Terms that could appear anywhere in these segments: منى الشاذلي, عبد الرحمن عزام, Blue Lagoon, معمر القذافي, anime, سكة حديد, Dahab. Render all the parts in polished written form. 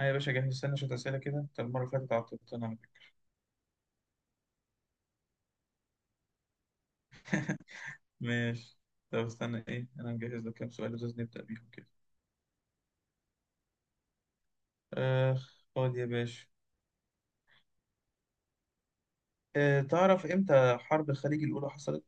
أيوة يا باشا، جهز، استنى شوية أسئلة كده. طب المرة اللي فاتت عطلت أنا. ماشي. طب استنى إيه؟ أنا مجهز لك كام سؤال لازم نبدأ بيهم كده. آخ، خد يا باشا. تعرف إمتى حرب الخليج الأولى حصلت؟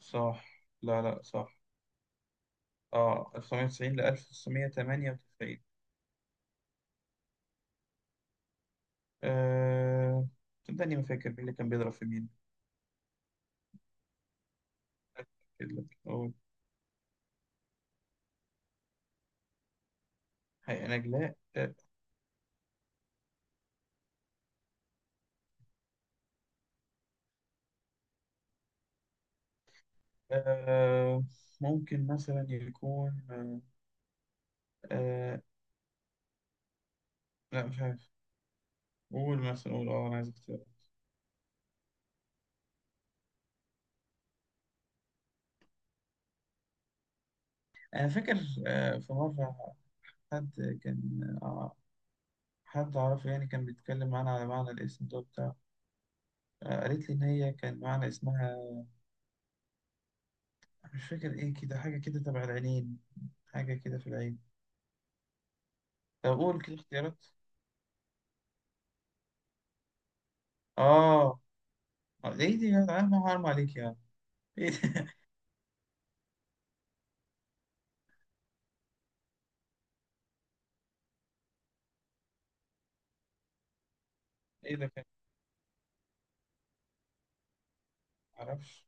صح. لا، صح. 1990 ل 1998. آه صدقني ما فاكر مين اللي كان بيضرب في مين. أتأكد لك أقول. حقيقة نجلاء. آه، ممكن مثلا يكون آه، لا مش عارف. قول مثلا، قول انا عايز اختيار. أنا فاكر في مرة حد كان، آه، حد أعرفه يعني كان بيتكلم معانا على معنى الاسم ده بتاع. قالت لي إن هي كان معنى اسمها مش فاكر إيه، كده حاجة كده تبع العينين، حاجة كده في العين. طب قول كده اختيارات. آه إيه دي يا عم؟ حرام عليك يا عم! إيه ده؟ إيه ده كان؟ معرفش.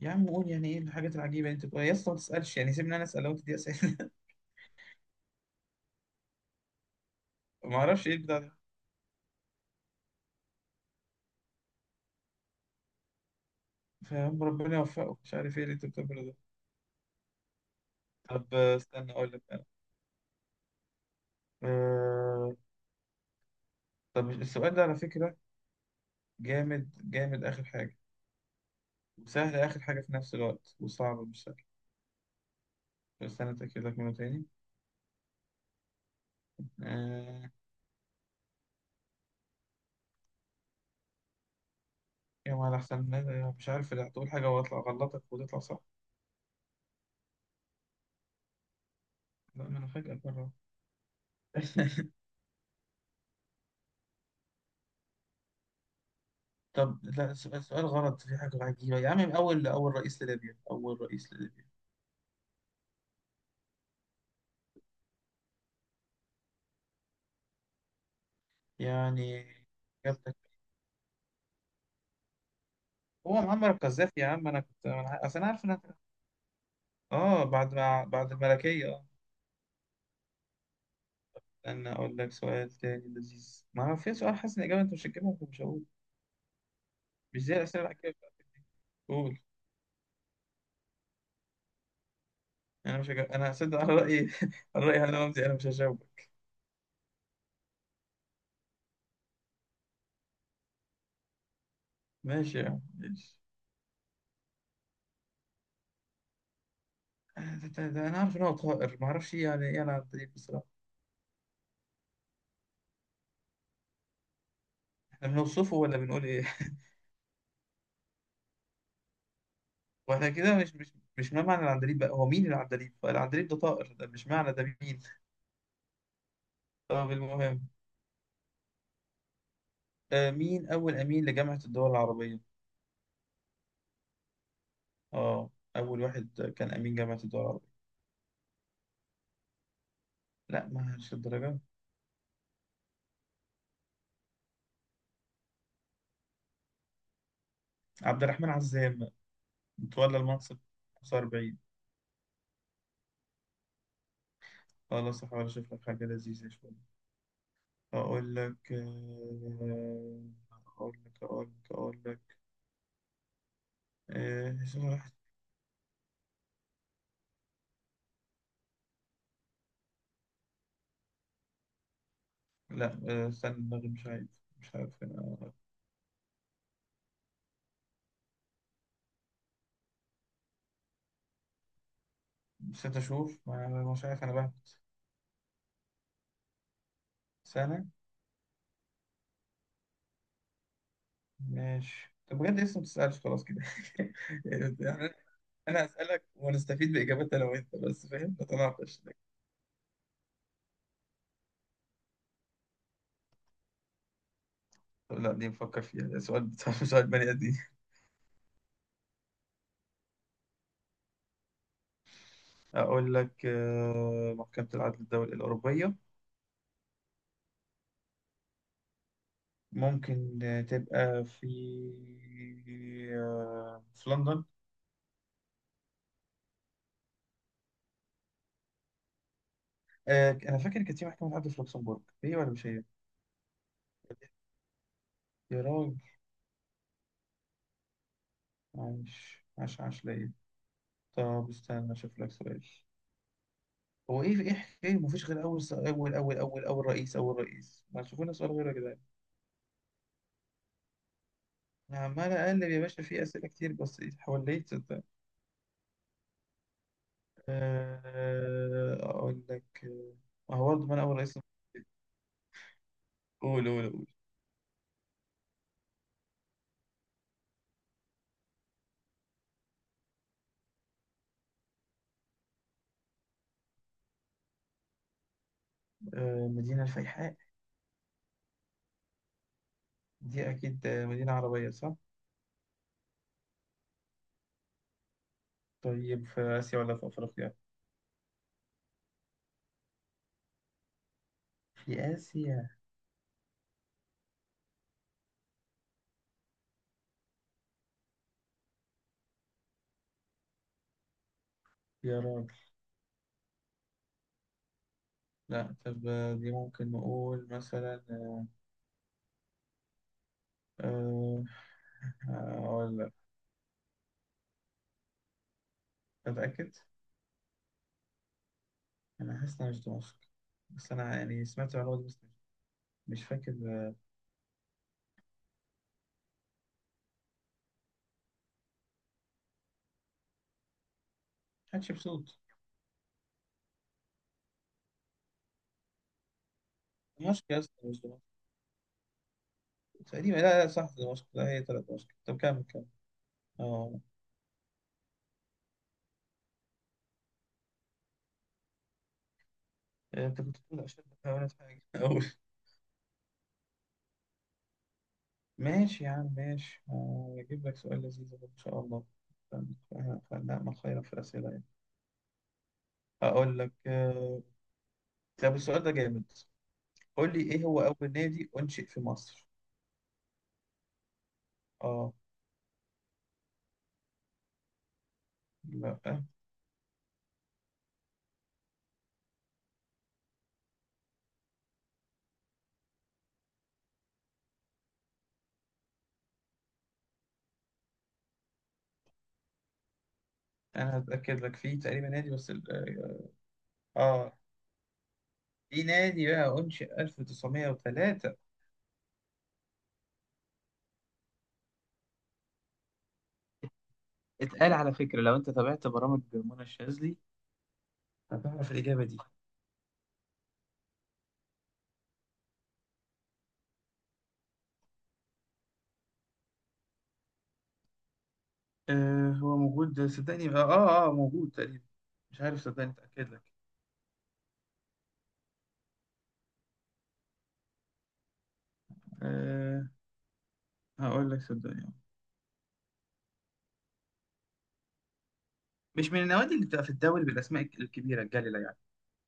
يا عم قول يعني إيه الحاجات العجيبة اللي أنت بتقولها يا اسطى؟ ما تسألش يعني، سيبني أنا أسأل. لو أنت دي أسئلة! معرفش إيه البتاع ده. فاهم، ربنا يوفقه، مش عارف إيه اللي أنت بتعمله ده. طب استنى أقول لك أنا. آه، طب السؤال ده على فكرة جامد جامد، آخر حاجة، وسهل آخر حاجة في نفس الوقت، وصعب مش سهل. بس أنا أتأكد لك منه تاني. آه. يا ما أحسن مش عارف، لا تقول حاجة وأطلع أغلطك وتطلع صح. لا، ما أنا فجأة بره. طب، لا السؤال سؤال غلط في حاجة عجيبة يا عم. من أول رئيس لليبيا أول رئيس لليبيا؟ يعني إجابتك هو معمر القذافي يا عم. أنا كنت أصل أنا عارف إنك. آه، بعد ما بعد الملكية. استنى أقول لك سؤال تاني لذيذ. ما أنا في سؤال حاسس إن الإجابة أنت مش هتجيبها، فمش هقول. مش زي الأسئلة اللي حكيتها بتاعتك دي. قول. أنا مش هجيب. أنا هصدق على رأيي، على رأيي أنا رمزي أنا مش هجاوبك. ماشي يا عم ماشي. ده- ده- ده أنا عارف إن هو طائر، ما أعرفش إيه يعني إيه العندليب بصراحة. إحنا بنوصفه ولا بنقول إيه؟ وإحنا كده مش مش ما معنى العندليب بقى. هو مين العندليب؟ العندليب ده طائر، ده مش معنى، ده مين. طب المهم، مين أول أمين لجامعة الدول العربية؟ آه، أول واحد كان أمين جامعة الدول العربية. لا، ما مش الدرجة. عبد الرحمن عزام، تولى المنصب 45. خلاص أحاول أشوف لك حاجة لذيذة شوية، أقول لك أقول لك. آه، راح- لا استنى دماغي مش عارف، مش عارف أنا. نسيت أشوف، مش عارف أنا بهبت. سنة. ماشي. طب بجد لسه ما بتسألش خلاص كده يعني. أنا هسألك ونستفيد بإجابات أنا وأنت بس، فاهم؟ ما طلعتش. لا، دي نفكر فيها. ده سؤال، سؤال بني آدم. أقول لك محكمة العدل الدولي الأوروبية ممكن تبقى في، في لندن. أنا فاكر كانت في محكمة عدل في لوكسمبورغ، هي ولا مش هي؟ يا راجل، عايش! عاش ليا. طب استنى أشوف لك سؤال. هو إيه حكاية مفيش غير أول أول رئيس، ما تشوفونا سؤال غير كده؟ أنا عمال أقلب يا باشا في أسئلة كتير بس، حوليت صدق. أقول لك، ما هو برضه من أول رئيس. قول. مدينة الفيحاء، دي أكيد مدينة عربية صح؟ طيب في آسيا ولا في أفريقيا؟ في آسيا. يا راجل. لا طب دي ممكن نقول مثلا أه، أقول لك. أتأكد. أنا حاسس إنها مش دمشق، بس أنا يعني سمعت المعلومة دي بس، مش فاكر حتشبسوت. دمشق يا اسطى مش دمشق تقريبا، لا، صح دمشق، لا هي طلعت دمشق. طب كمل كمل. أه، أنت كنت بتقول عشان بحاول أتحاجج. ماشي يا عم ماشي. هجيب لك سؤال لذيذ أهو إن شاء الله. ف- فنعمل خيرا في الأسئلة يعني. هقول لك طب السؤال ده جامد. قول لي إيه هو أول نادي أنشئ في مصر؟ آه. لا. أنا هتأكد لك، فيه تقريبا نادي بس آه، في نادي بقى أنشئ 1903. اتقال على فكرة لو أنت تابعت برامج منى الشاذلي هتعرف الإجابة دي. آه هو موجود صدقني، موجود تقريبا. مش عارف صدقني أتأكد لك، هقول لك صدقني. مش من النوادي اللي بتبقى في الدوري بالاسماء الكبيره الجليله يعني،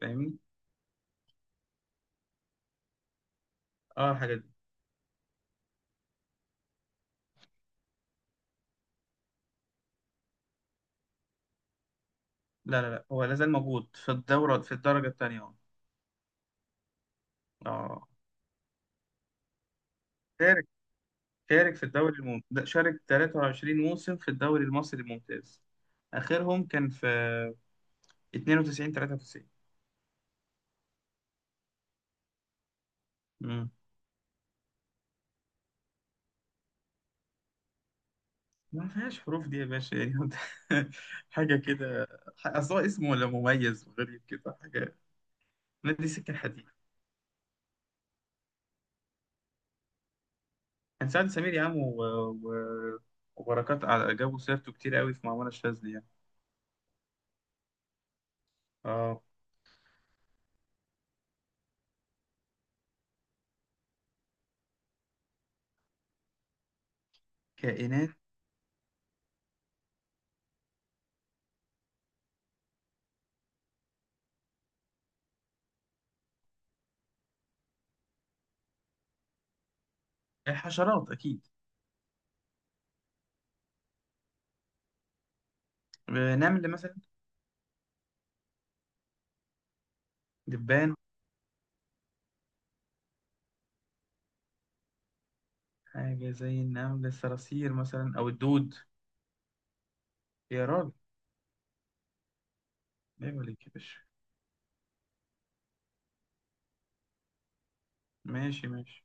فاهمني؟ اه، الحاجات دي. لا، هو لازال موجود في الدوره، في الدرجه الثانيه. اه. آه. شارك شارك. في الدوري الممتاز شارك 23 موسم في الدوري المصري الممتاز. اخرهم كان في 92 93. امم. ما فيهاش حروف دي يا باشا، يعني انت. حاجه كده. اصل هو اسمه ولا مميز وغريب كده حاجه. نادي سكه حديد. كان سعد سمير يا عم، و... و... وبركات، على جابوا سيرته كتير قوي في معمارة الشاذ دي يعني. اه. كائنات. حشرات اكيد. نمل مثلا. دبان. حاجة زي النمل، الصراصير مثلا او الدود. يا راجل. عيب عليك يا باشا. ماشي ماشي.